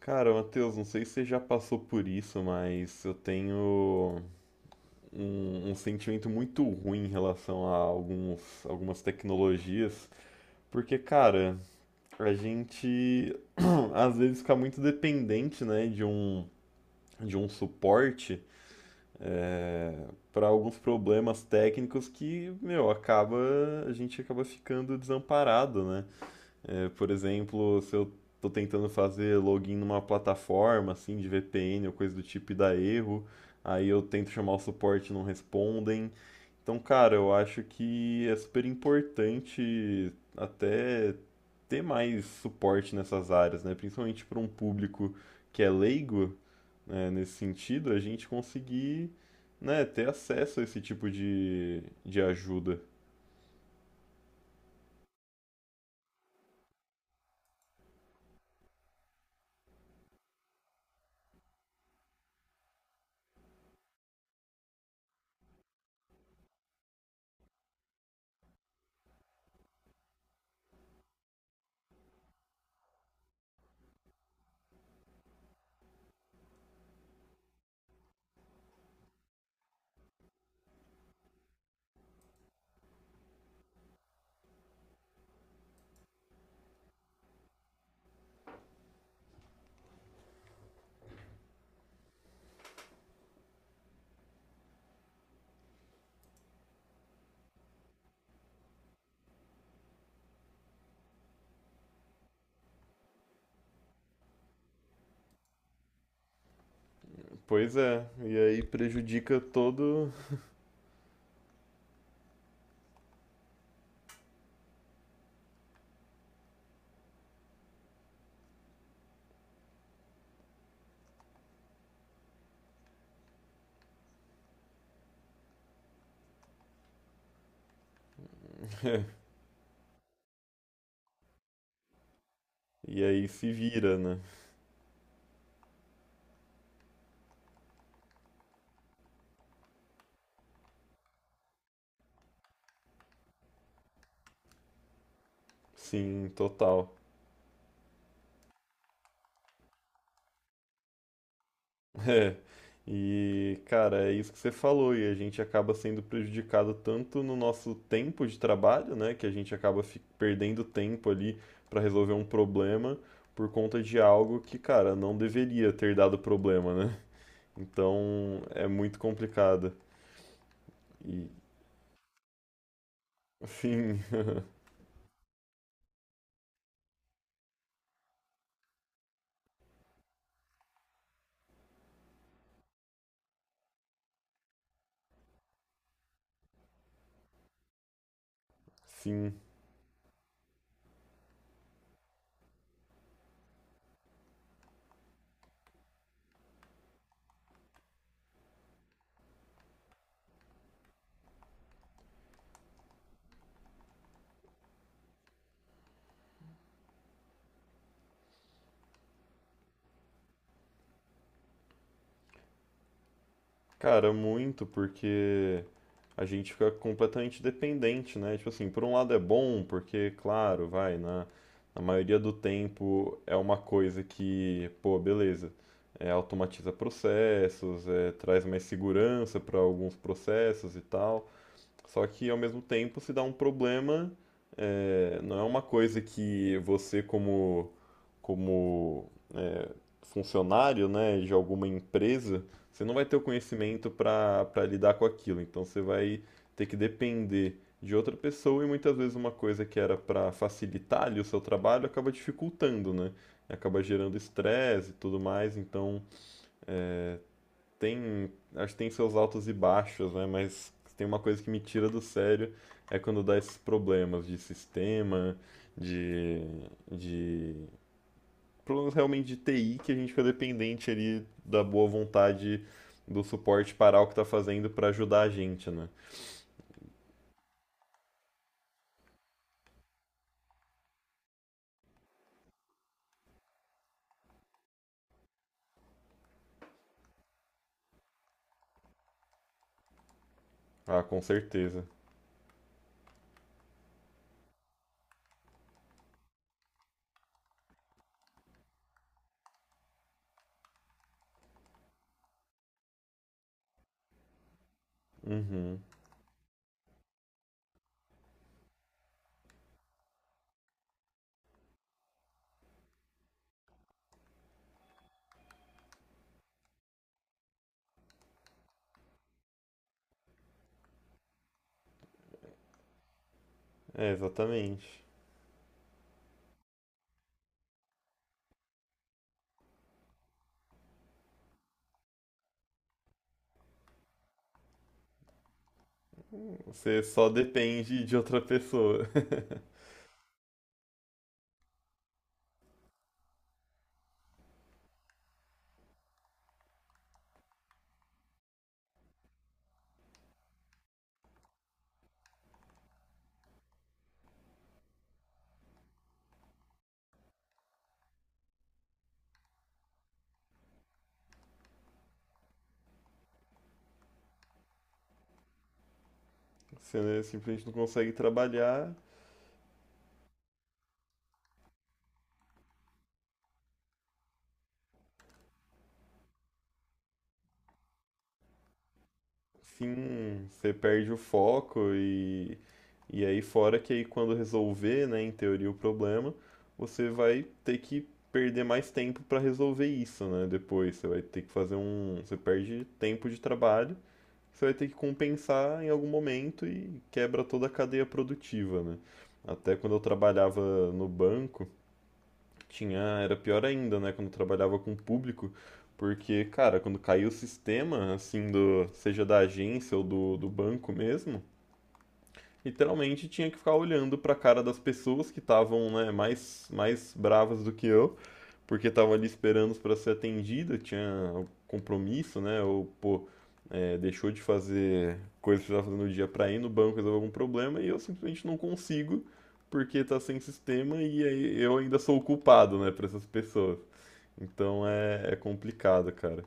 Cara, Matheus, não sei se você já passou por isso, mas eu tenho um sentimento muito ruim em relação a algumas tecnologias, porque, cara, a gente às vezes fica muito dependente, né, de um suporte para alguns problemas técnicos que, meu, a gente acaba ficando desamparado, né? É, por exemplo, se eu estou tentando fazer login numa plataforma assim de VPN ou coisa do tipo e dá erro, aí eu tento chamar o suporte e não respondem. Então, cara, eu acho que é super importante até ter mais suporte nessas áreas, né? Principalmente para um público que é leigo, né, nesse sentido, a gente conseguir, né, ter acesso a esse tipo de ajuda. Pois é, e aí prejudica todo. E aí se vira, né? Sim, total. É. E, cara, é isso que você falou, e a gente acaba sendo prejudicado tanto no nosso tempo de trabalho, né? Que a gente acaba perdendo tempo ali para resolver um problema por conta de algo que, cara, não deveria ter dado problema, né? Então é muito complicado. E, sim, sim. Cara, muito, porque a gente fica completamente dependente, né? Tipo assim, por um lado é bom, porque, claro, vai, na, na maioria do tempo é uma coisa que, pô, beleza, é, automatiza processos, é, traz mais segurança para alguns processos e tal. Só que, ao mesmo tempo, se dá um problema, é, não é uma coisa que você, como funcionário, né, de alguma empresa, você não vai ter o conhecimento para lidar com aquilo. Então você vai ter que depender de outra pessoa e muitas vezes uma coisa que era para facilitar ali o seu trabalho acaba dificultando, né? Acaba gerando estresse e tudo mais. Então acho que tem seus altos e baixos, né? Mas tem uma coisa que me tira do sério é quando dá esses problemas de sistema, de, de problemas realmente de TI que a gente fica dependente ali da boa vontade do suporte parar o que tá fazendo para ajudar a gente, né? Ah, com certeza. Uhum. É, exatamente. Você só depende de outra pessoa. Você, né, simplesmente não consegue trabalhar. Sim, você perde o foco e aí fora que aí quando resolver, né, em teoria o problema, você vai ter que perder mais tempo para resolver isso, né? Depois você vai ter que fazer um, você perde tempo de trabalho, você vai ter que compensar em algum momento e quebra toda a cadeia produtiva, né? Até quando eu trabalhava no banco, tinha, era pior ainda, né, quando eu trabalhava com o público, porque, cara, quando caiu o sistema, assim, do, seja da agência ou do banco mesmo, literalmente tinha que ficar olhando pra cara das pessoas que estavam, né, mais bravas do que eu porque estava ali esperando para ser atendida, tinha um compromisso, né? Ou, pô, é, deixou de fazer coisas que precisava fazer no dia para ir no banco resolver algum problema e eu simplesmente não consigo porque está sem sistema e aí eu ainda sou o culpado, né, para essas pessoas. Então é complicado, cara.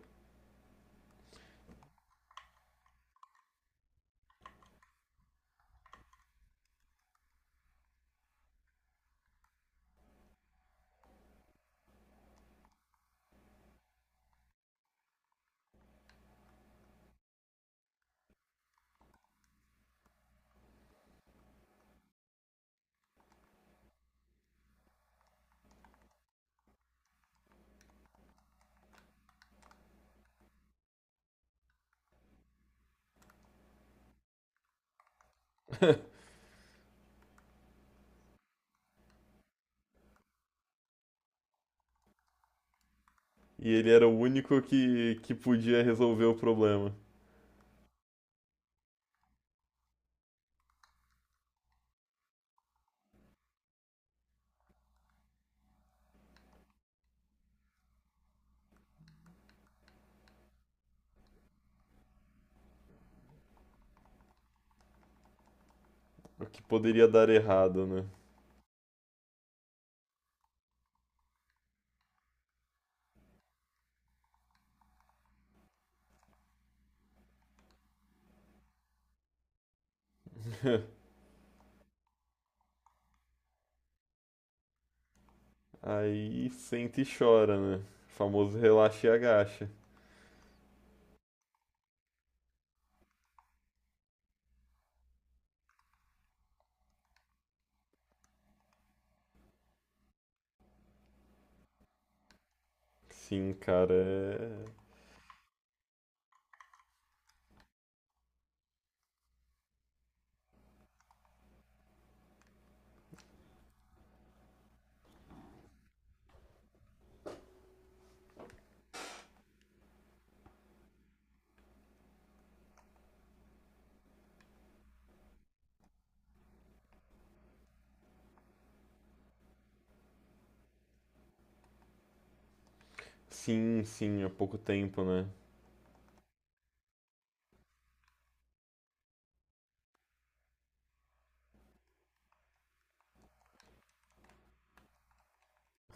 E ele era o único que podia resolver o problema. O que poderia dar errado, né? Aí senta e chora, né? O famoso relaxa e agacha. Sim, cara, é... Sim, sim, há pouco tempo, né?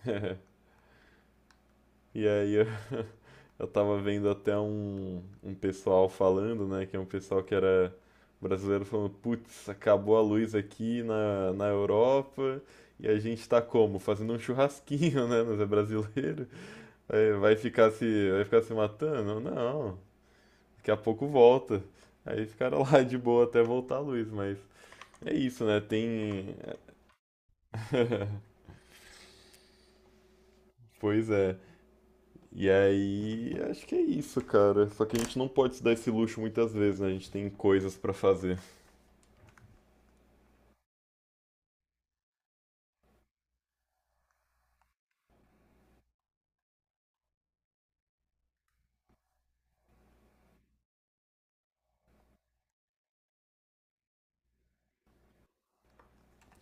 E aí eu tava vendo até um pessoal falando, né? Que é um pessoal que era brasileiro falando, putz, acabou a luz aqui na, na Europa e a gente tá como? Fazendo um churrasquinho, né? Mas é brasileiro. Aí vai ficar se matando? Não, daqui a pouco volta. Aí ficaram lá de boa até voltar a luz, mas é isso, né? Tem. Pois é. E aí, acho que é isso, cara. Só que a gente não pode se dar esse luxo muitas vezes, né? A gente tem coisas pra fazer,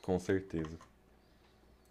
com certeza.